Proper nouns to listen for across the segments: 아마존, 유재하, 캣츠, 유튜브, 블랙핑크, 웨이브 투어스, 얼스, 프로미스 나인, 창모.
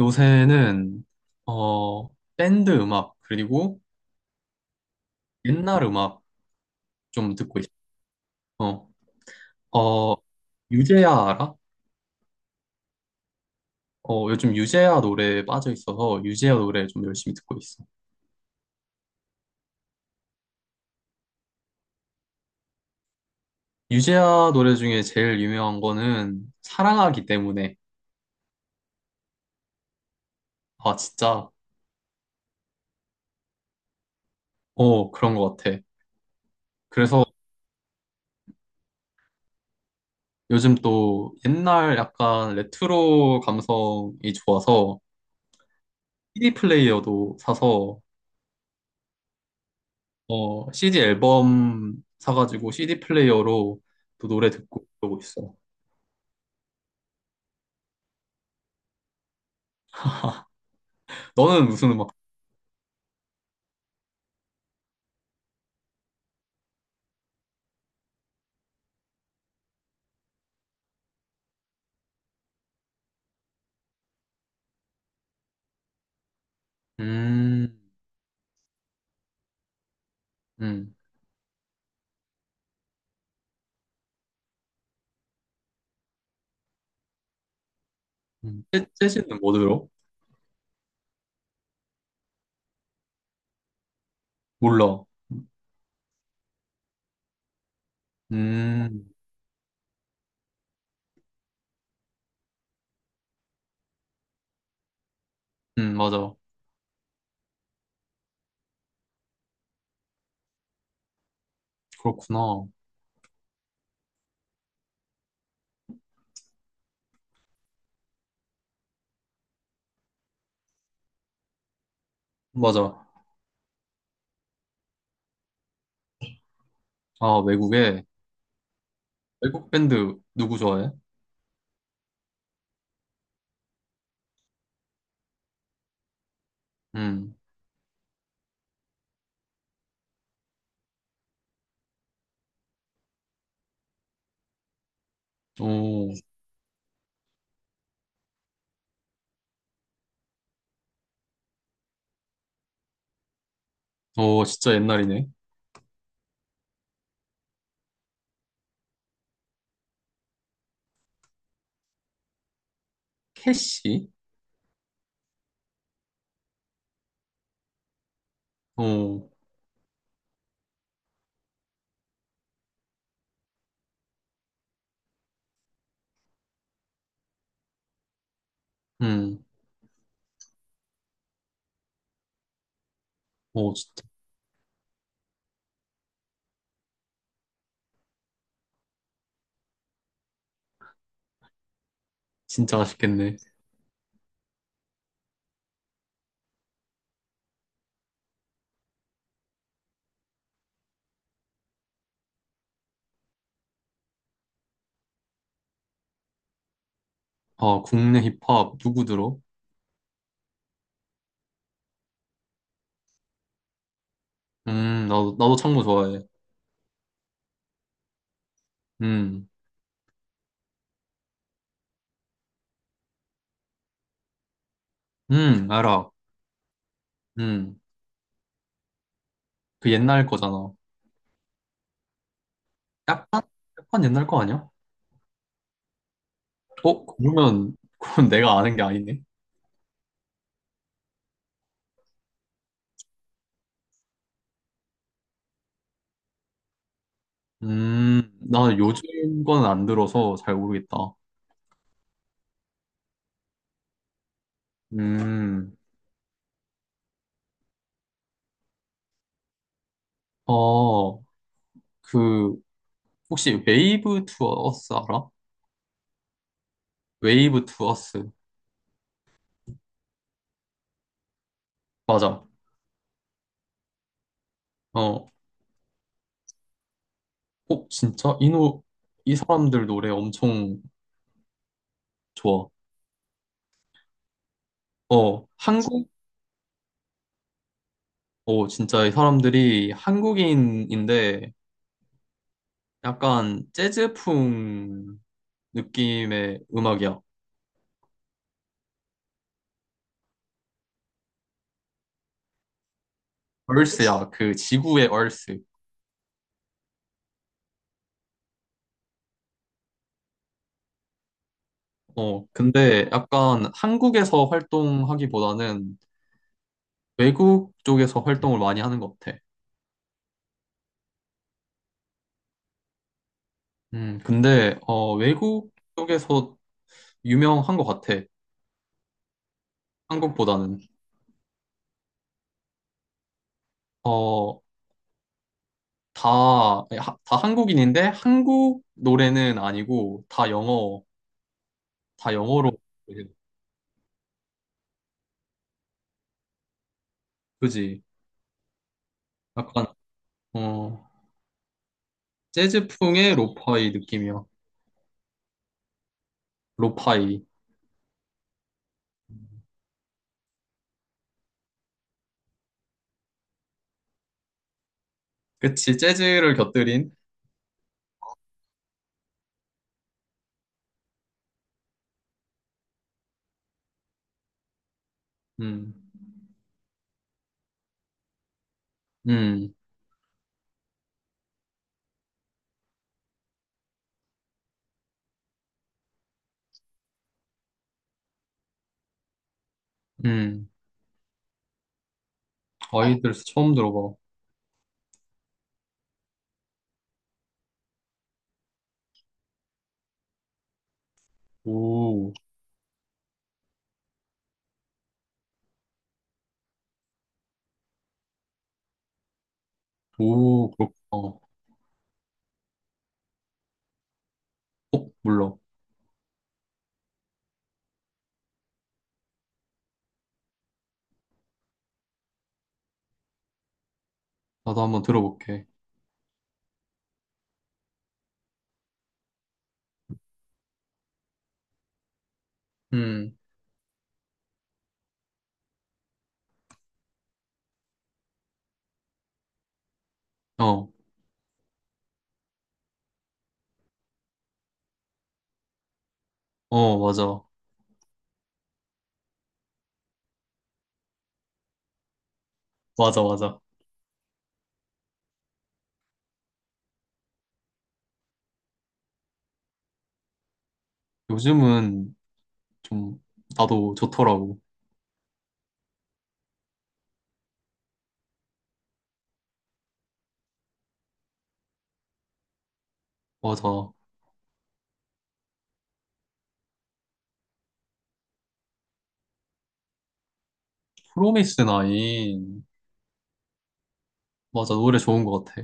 요새는 어 밴드 음악 그리고 옛날 음악 좀 듣고 있어. 어, 어, 유재하 알아? 어, 요즘 유재하 노래에 빠져 있어서 유재하 노래 좀 열심히 듣고 있어. 유재하 노래 중에 제일 유명한 거는 사랑하기 때문에. 아, 진짜. 어, 그런 것 같아. 그래서 요즘 또 옛날 약간 레트로 감성이 좋아서 CD 플레이어도 사서, 어, CD 앨범 사가지고 CD 플레이어로 또 노래 듣고 그러고 있어. 너는 무슨 음악? 음, 음, 재즈는 뭐 들어? 몰라. 음, 맞아. 그렇구나. 맞아. 아, 외국에. 외국 밴드 누구 좋아해? 음. 오, 오, 진짜 옛날이네. 캐시? 오. 음. 오, 진짜. 진짜 아쉽겠네. 아, 국내 힙합 누구 들어? 나도 창모 좋아해. 음, 알아. 음, 그 옛날 거잖아. 약간, 약간 옛날 거 아니야? 어, 그러면, 그건 내가 아는 게 아니네. 나 요즘 건 안 들어서 잘 모르겠다. 음, 어, 그, 혹시 웨이브 투어스 알아? 웨이브 투어스. 맞아. 어, 어, 진짜? 이 사람들 노래 엄청 좋아. 어, 한국. 어, 진짜 이 사람들이 한국인인데 약간 재즈풍 느낌의 음악이야. 얼스야, 그 지구의 얼스. 어, 근데 약간 한국에서 활동하기보다는 외국 쪽에서 활동을 많이 하는 것 같아. 근데 외국 쪽에서 유명한 것 같아. 한국보다는. 어, 다 한국인인데 한국 노래는 아니고 다 영어, 다 영어로. 그지? 약간, 어, 재즈풍의 로파이 느낌이야. 로파이. 그치, 재즈를 곁들인. 음, 음, 음. 어, 아이들에서 처음 들어봐. 오, 오, 그렇구나. 어, 몰라. 나도 한번 들어볼게. 음, 어, 어, 맞아. 맞아, 맞아. 요즘은 좀, 나도 좋더라고. 맞아. 프로미스 나인. 맞아, 노래 좋은 것 같아.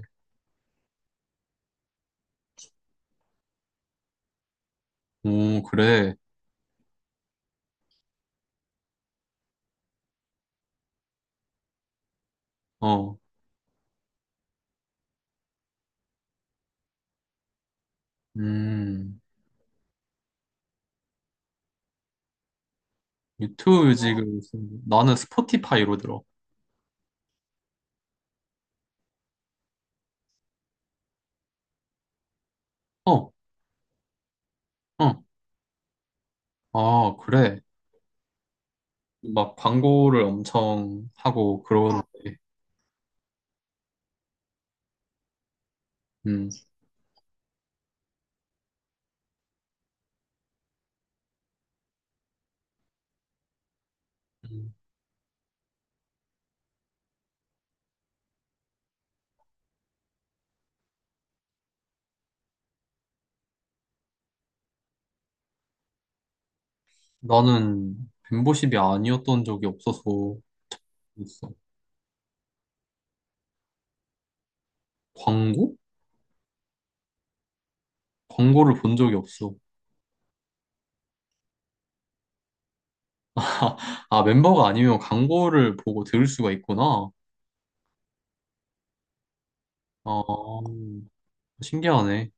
오, 그래. 어, 음. 유튜브 지 뮤직을, 나는 스포티파이로 들어. 어, 어. 아, 그래. 막 광고를 엄청 하고 그러는데. 음. 음. 나는 멤버십이 아니었던 적이 없어서 있어. 광고? 광고를 본 적이 없어. 아, 멤버가 아니면 광고를 보고 들을 수가 있구나. 아, 신기하네.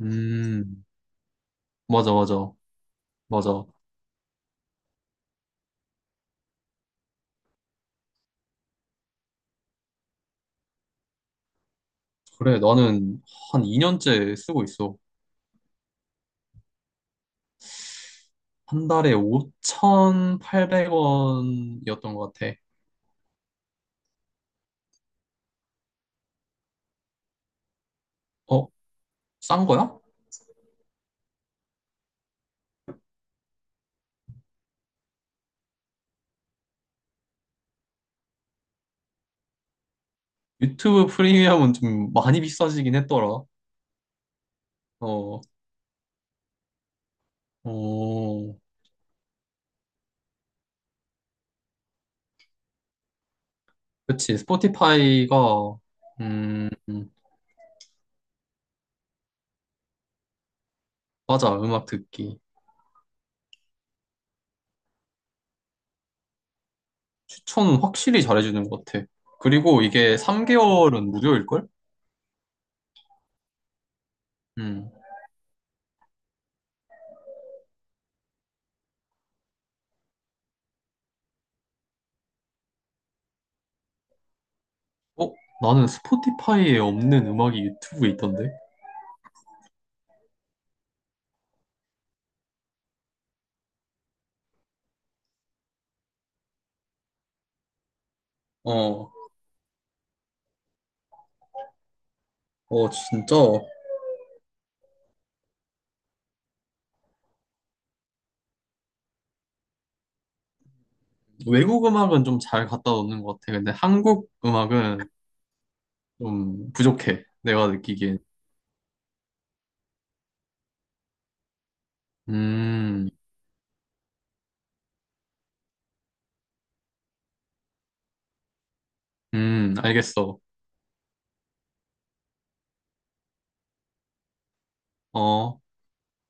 음, 맞아, 맞아, 맞아. 그래, 나는 한 2년째 쓰고 있어. 한 달에 5,800원이었던 것 같아. 어, 싼 거야? 유튜브 프리미엄은 좀 많이 비싸지긴 했더라. 어, 어. 그치, 스포티파이가. 음, 맞아, 음악 듣기. 추천은 확실히 잘해주는 것 같아. 그리고 이게 3개월은 무료일걸? 음. 어? 나는 스포티파이에 없는 음악이 유튜브에 있던데? 어, 어, 진짜. 외국 음악은 좀 잘 갖다 놓는 것 같아. 근데 한국 음악은 좀 부족해. 내가 느끼기엔. 음, 알겠어. 어.